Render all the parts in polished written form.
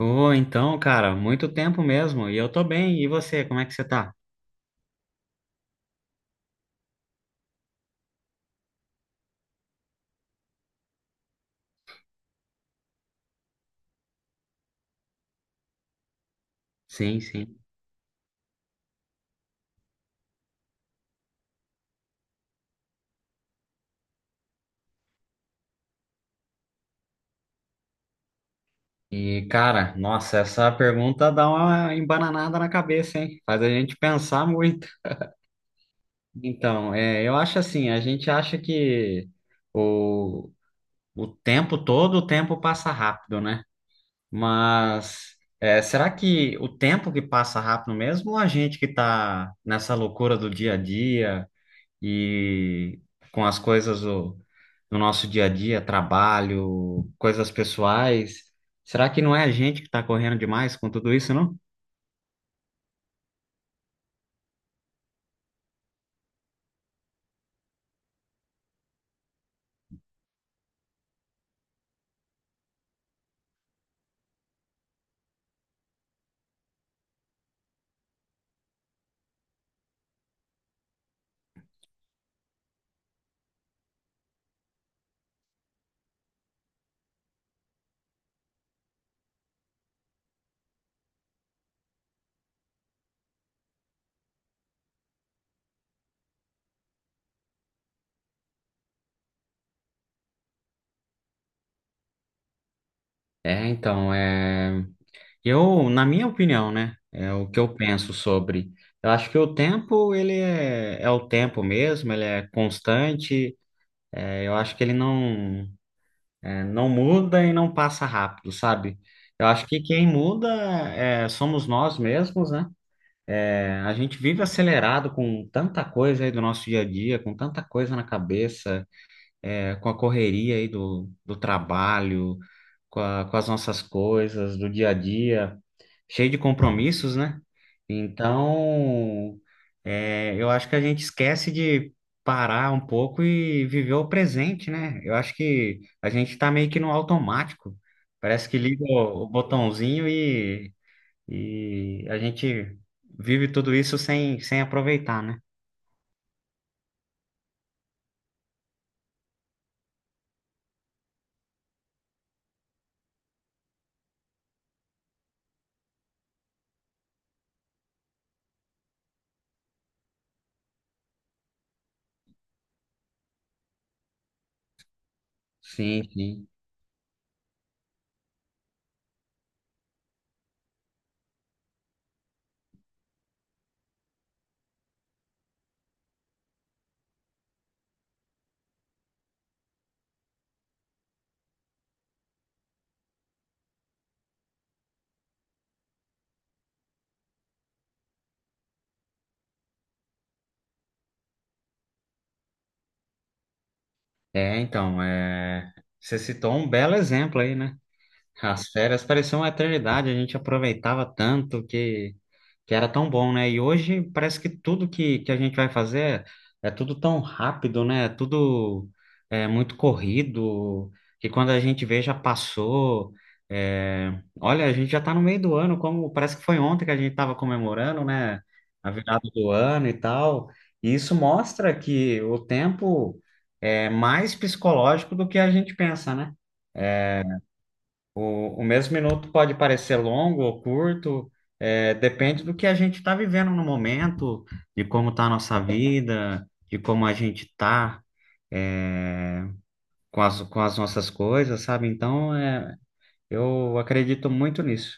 Ô, então, cara, muito tempo mesmo. E eu tô bem. E você, como é que você tá? Sim, sim. E, cara, nossa, essa pergunta dá uma embananada na cabeça, hein? Faz a gente pensar muito. Então, eu acho assim, a gente acha que o, o tempo todo, o tempo passa rápido, né? Mas será que o tempo que passa rápido mesmo, ou a gente que tá nessa loucura do dia a dia? E com as coisas do nosso dia a dia, trabalho, coisas pessoais. Será que não é a gente que está correndo demais com tudo isso, não? É, então, é... eu, na minha opinião, né, é o que eu penso sobre. Eu acho que o tempo, é o tempo mesmo, ele é constante, eu acho que ele não, é, não muda e não passa rápido, sabe? Eu acho que quem muda somos nós mesmos, né? É, a gente vive acelerado com tanta coisa aí do nosso dia a dia, com tanta coisa na cabeça, com a correria aí do trabalho, com as nossas coisas do dia a dia, cheio de compromissos, né? Então, eu acho que a gente esquece de parar um pouco e viver o presente, né? Eu acho que a gente tá meio que no automático. Parece que liga o botãozinho e a gente vive tudo isso sem aproveitar, né? Sim, sim. É, então, é... Você citou um belo exemplo aí, né? As férias pareciam uma eternidade, a gente aproveitava tanto que era tão bom, né? E hoje parece que tudo que a gente vai fazer é tudo tão rápido, né? É tudo é muito corrido, que quando a gente vê já passou. É, olha, a gente já tá no meio do ano, como parece que foi ontem que a gente estava comemorando, né? A virada do ano e tal. E isso mostra que o tempo é mais psicológico do que a gente pensa, né? O mesmo minuto pode parecer longo ou curto, depende do que a gente está vivendo no momento, de como está a nossa vida, de como a gente está, com as nossas coisas, sabe? Então, eu acredito muito nisso.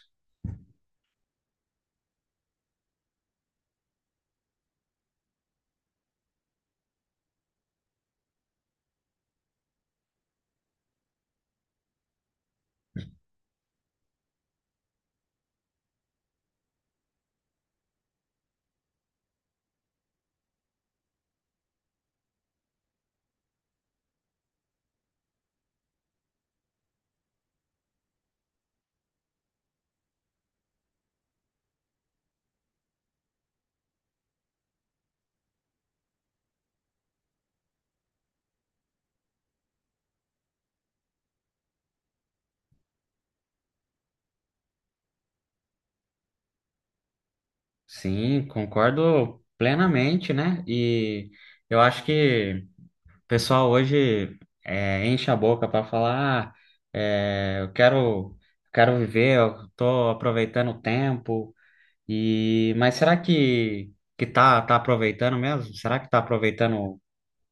Sim, concordo plenamente, né? E eu acho que o pessoal hoje enche a boca para falar, ah, é, eu quero, quero viver, eu tô aproveitando o tempo. E mas será que tá aproveitando mesmo? Será que tá aproveitando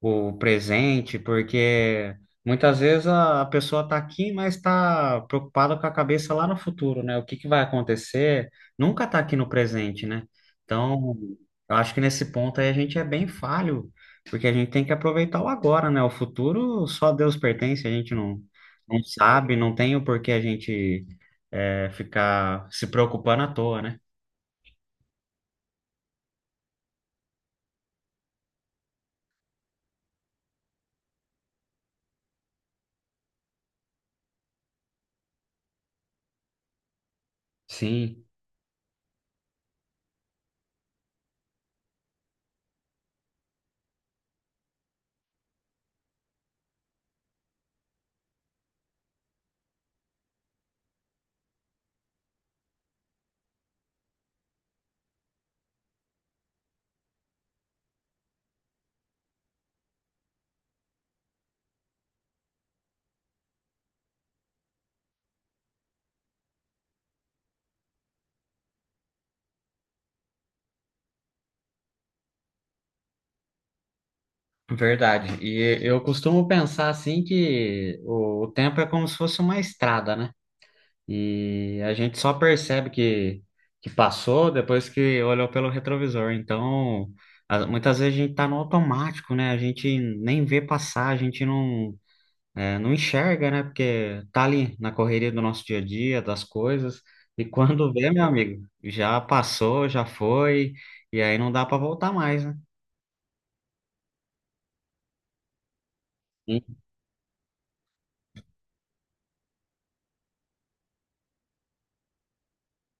o presente? Porque muitas vezes a pessoa tá aqui, mas tá preocupada com a cabeça lá no futuro, né? O que que vai acontecer? Nunca tá aqui no presente, né? Então, eu acho que nesse ponto aí a gente é bem falho, porque a gente tem que aproveitar o agora, né? O futuro só Deus pertence, a gente não sabe, não tem o porquê a gente ficar se preocupando à toa, né? Sim. Verdade. E eu costumo pensar assim que o tempo é como se fosse uma estrada, né? E a gente só percebe que passou depois que olhou pelo retrovisor. Então, muitas vezes a gente tá no automático, né? A gente nem vê passar, a gente não, é, não enxerga, né? Porque tá ali na correria do nosso dia a dia, das coisas. E quando vê, meu amigo, já passou, já foi, e aí não dá para voltar mais, né? Sim,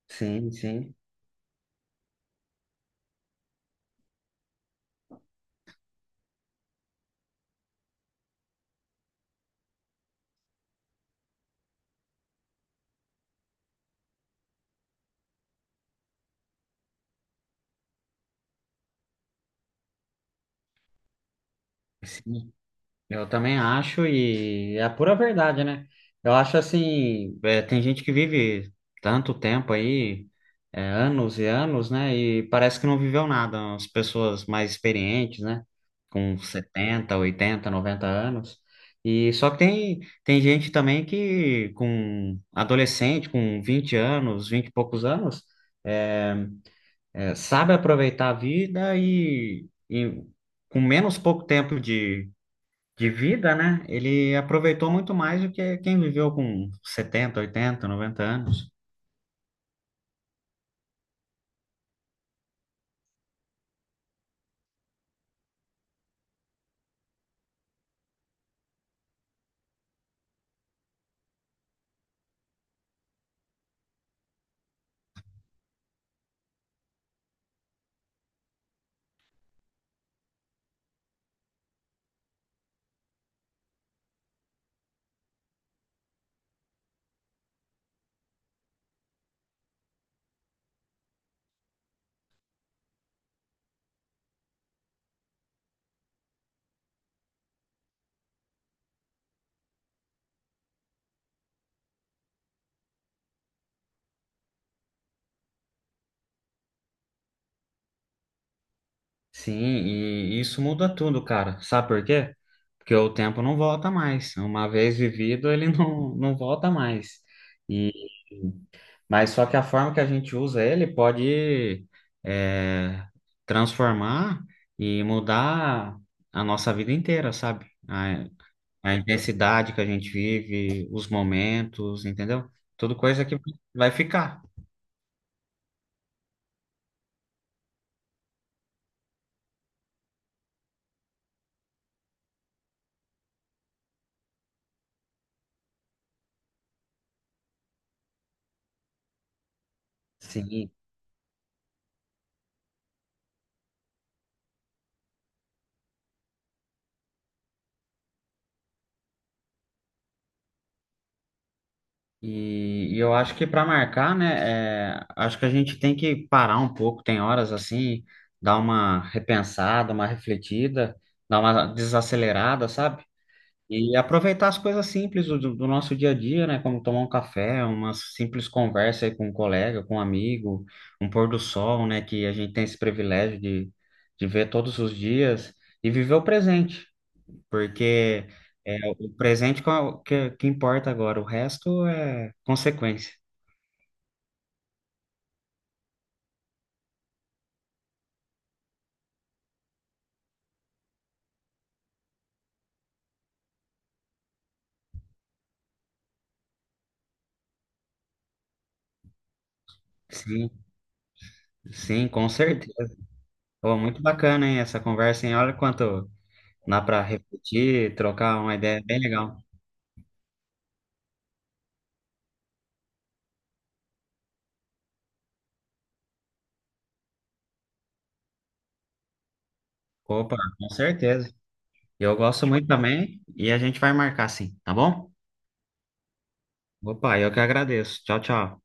sim. Sim. Sim. Eu também acho, e é a pura verdade, né? Eu acho assim, é, tem gente que vive tanto tempo aí, anos e anos, né? E parece que não viveu nada. As pessoas mais experientes, né? Com 70, 80, 90 anos. E só que tem gente também que com adolescente, com 20 anos, 20 e poucos anos, é, sabe aproveitar a vida e com menos pouco tempo de vida, né? Ele aproveitou muito mais do que quem viveu com 70, 80, 90 anos. Sim, e isso muda tudo, cara. Sabe por quê? Porque o tempo não volta mais. Uma vez vivido, ele não volta mais. E mas só que a forma que a gente usa ele pode é, transformar e mudar a nossa vida inteira, sabe? A a intensidade que a gente vive, os momentos, entendeu? Tudo coisa que vai ficar. Sim, e eu acho que para marcar, né, é, acho que a gente tem que parar um pouco, tem horas assim, dar uma repensada, uma refletida, dar uma desacelerada, sabe? E aproveitar as coisas simples do nosso dia a dia, né, como tomar um café, uma simples conversa aí com um colega, com um amigo, um pôr do sol, né, que a gente tem esse privilégio de ver todos os dias e viver o presente. Porque é o presente que importa agora, o resto é consequência. Sim, sim, com certeza. Pô, muito bacana, hein, essa conversa, hein? Olha quanto dá para refletir, trocar uma ideia bem legal. Opa, com certeza. Eu gosto muito também e a gente vai marcar sim, tá bom? Opa, eu que agradeço. Tchau, tchau.